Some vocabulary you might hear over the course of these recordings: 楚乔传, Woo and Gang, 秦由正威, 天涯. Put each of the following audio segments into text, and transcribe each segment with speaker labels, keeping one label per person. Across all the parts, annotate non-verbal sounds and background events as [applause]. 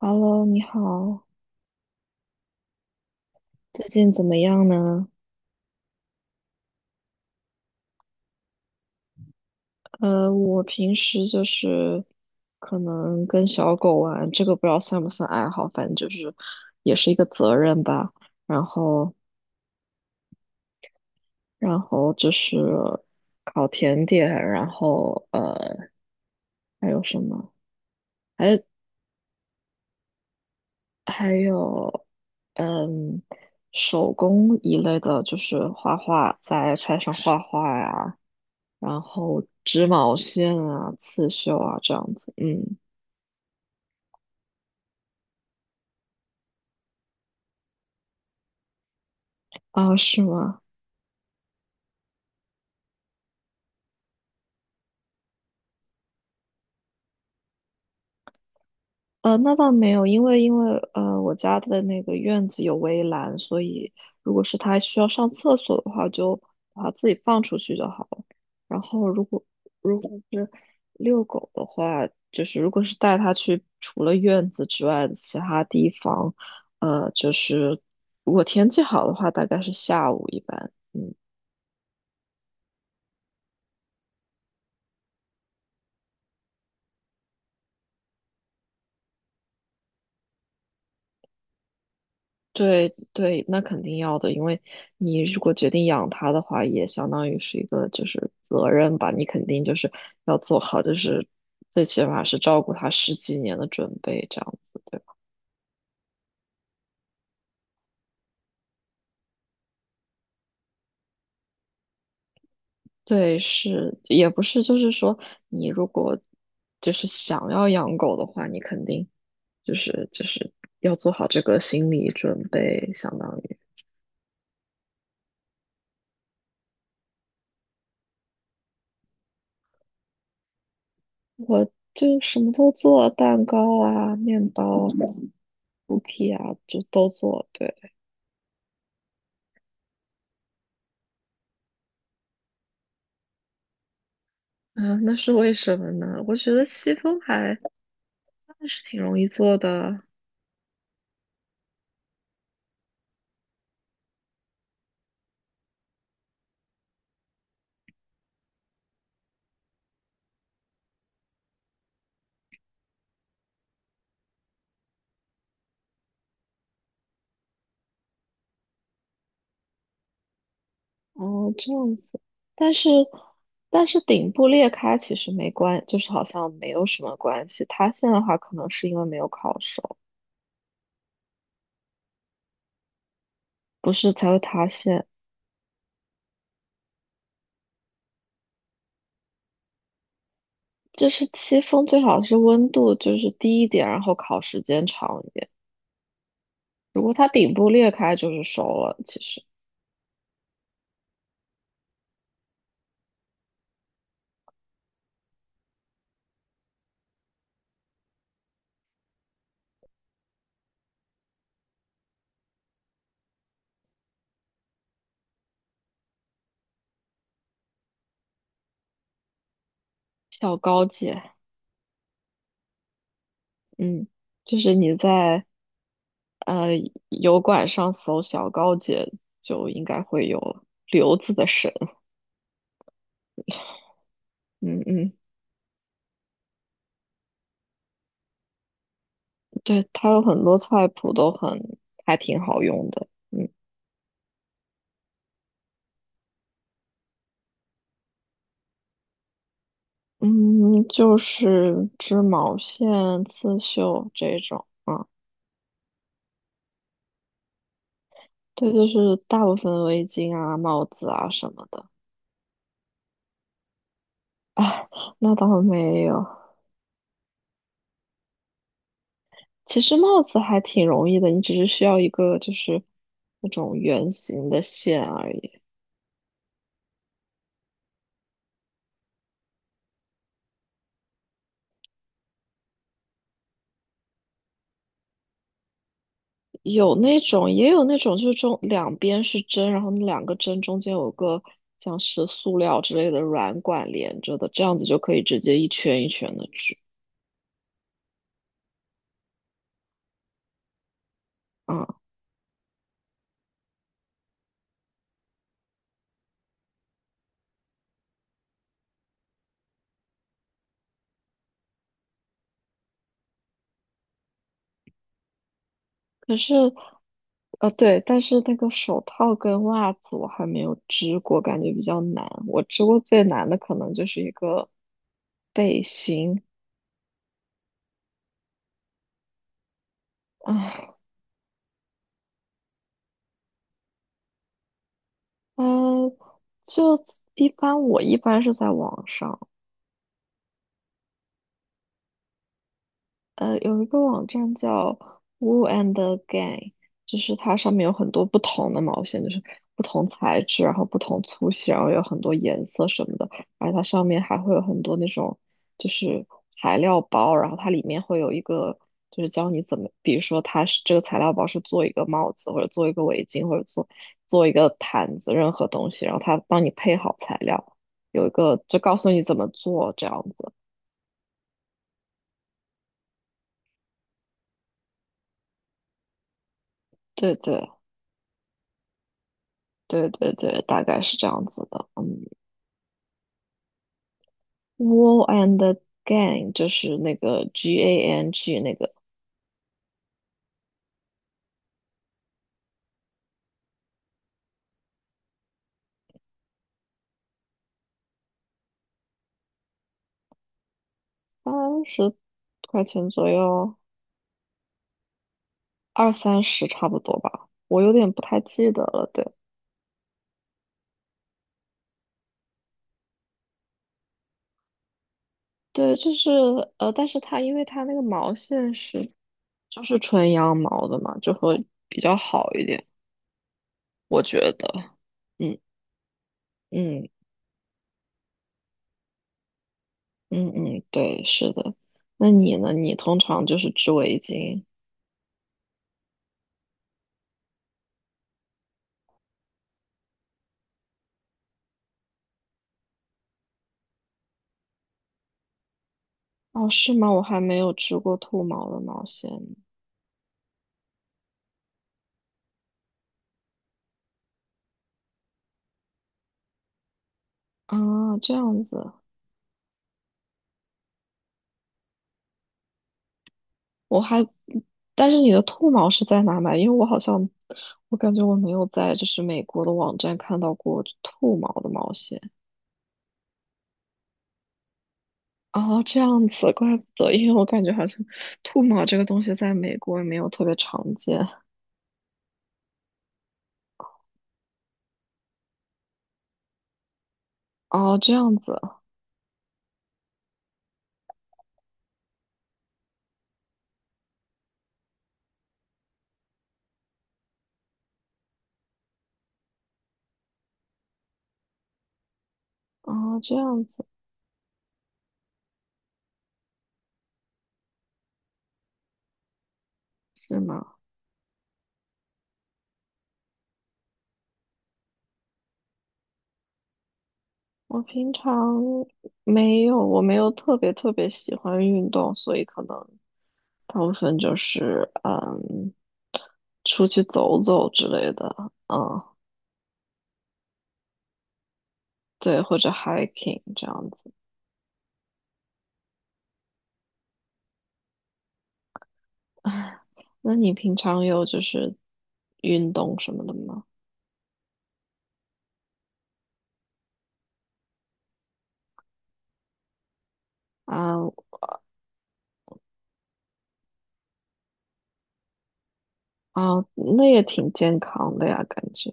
Speaker 1: Hello，你好，最近怎么样呢？我平时就是可能跟小狗玩，这个不知道算不算爱好，反正就是也是一个责任吧。然后，然后，就是烤甜点，然后还有什么？还还有嗯，手工一类的，就是画画，在 i 上画画呀，然后织毛线啊、刺绣啊这样子，嗯。啊，是吗？那倒没有，因为我家的那个院子有围栏，所以如果是它需要上厕所的话，就把它自己放出去就好了。然后如果是遛狗的话，就是如果是带它去除了院子之外的其他地方，就是如果天气好的话，大概是下午一般。嗯，对对，那肯定要的，因为你如果决定养它的话，也相当于是一个就是责任吧，你肯定就是要做好，就是最起码是照顾它十几年的准备，这样子，对吧？对，是，也不是，就是说你如果就是想要养狗的话，你肯定就是要做好这个心理准备，相当于。我就什么都做，蛋糕啊、面包、cookie 啊，就都做，对。啊，那是为什么呢？我觉得西风还是挺容易做的。哦，这样子，但是但是顶部裂开其实没关，就是好像没有什么关系。塌陷的话，可能是因为没有烤熟，不是才会塌陷。就是戚风最好是温度就是低一点，然后烤时间长一点。如果它顶部裂开就是熟了，其实小高级。嗯，就是你在呃，油管上搜小高姐就应该会有刘子的神，嗯嗯，对，它有很多菜谱都很还挺好用的，嗯嗯，就是织毛线、刺绣这种啊，对，就是大部分围巾啊、帽子啊什么的，啊，那倒没有，其实帽子还挺容易的，你只是需要一个就是那种圆形的线而已。有那种，也有那种，就是中两边是针，然后那两个针中间有个像是塑料之类的软管连着的，这样子就可以直接一圈一圈的织啊。可是，对，但是那个手套跟袜子我还没有织过，感觉比较难。我织过最难的可能就是一个背心啊，呃，就一般我一般是在网上。有一个网站叫 Woo and Gang，就是它上面有很多不同的毛线，就是不同材质，然后不同粗细，然后有很多颜色什么的，而它上面还会有很多那种就是材料包，然后它里面会有一个就是教你怎么，比如说它是这个材料包是做一个帽子，或者做一个围巾，或者做一个毯子，任何东西，然后它帮你配好材料，有一个就告诉你怎么做这样子。对对。对对对，大概是这样子的。嗯，Wall and the Gang 就是那个 G A N G 那个30块钱左右，二三十差不多吧，我有点不太记得了。对对，就是但是它因为它那个毛线是就是纯羊毛的嘛，就会比较好一点，我觉得。嗯嗯嗯嗯，对，是的。那你呢？你通常就是织围巾？哦，是吗？我还没有织过兔毛的毛线啊，这样子，我还，但是你的兔毛是在哪买？因为我好像，我感觉我没有在就是美国的网站看到过兔毛的毛线。哦，这样子，怪不得，因为我感觉好像兔毛这个东西在美国也没有特别常见。哦，这样子，哦，这样子，是吗？我平常没有，我没有特别特别喜欢运动，所以可能。大部分就是出去走走之类的，嗯，对，或者 hiking 这样子。那你平常有就是运动什么的吗？啊啊，那也挺健康的呀，感觉。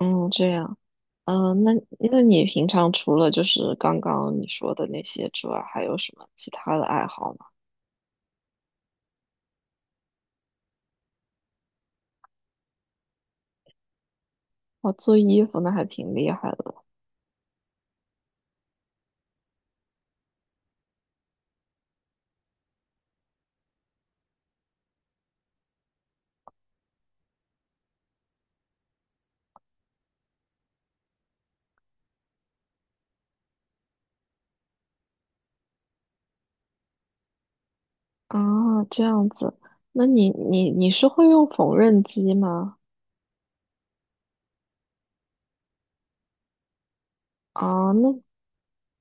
Speaker 1: 嗯，这样。嗯，那你平常除了就是刚刚你说的那些之外，还有什么其他的爱好吗？哇，做衣服那还挺厉害的啊，这样子。那你是会用缝纫机吗？啊，那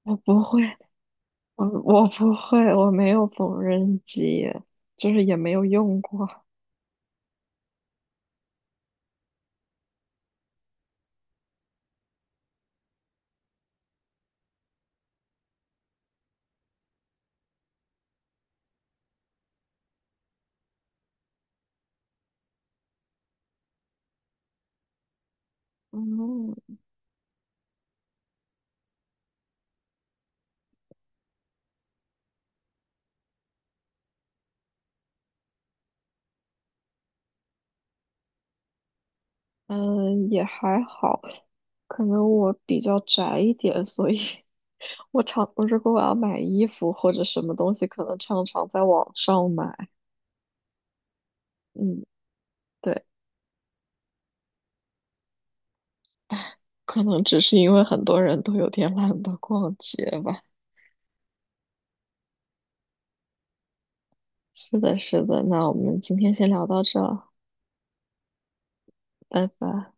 Speaker 1: 我不会，我不会，我没有缝纫机，就是也没有用过。嗯嗯，也还好，可能我比较宅一点，所以 [laughs] 我常我如果我要买衣服或者什么东西，可能常常在网上买。嗯，对，可能只是因为很多人都有点懒得逛街吧。是的，是的，那我们今天先聊到这儿，拜拜。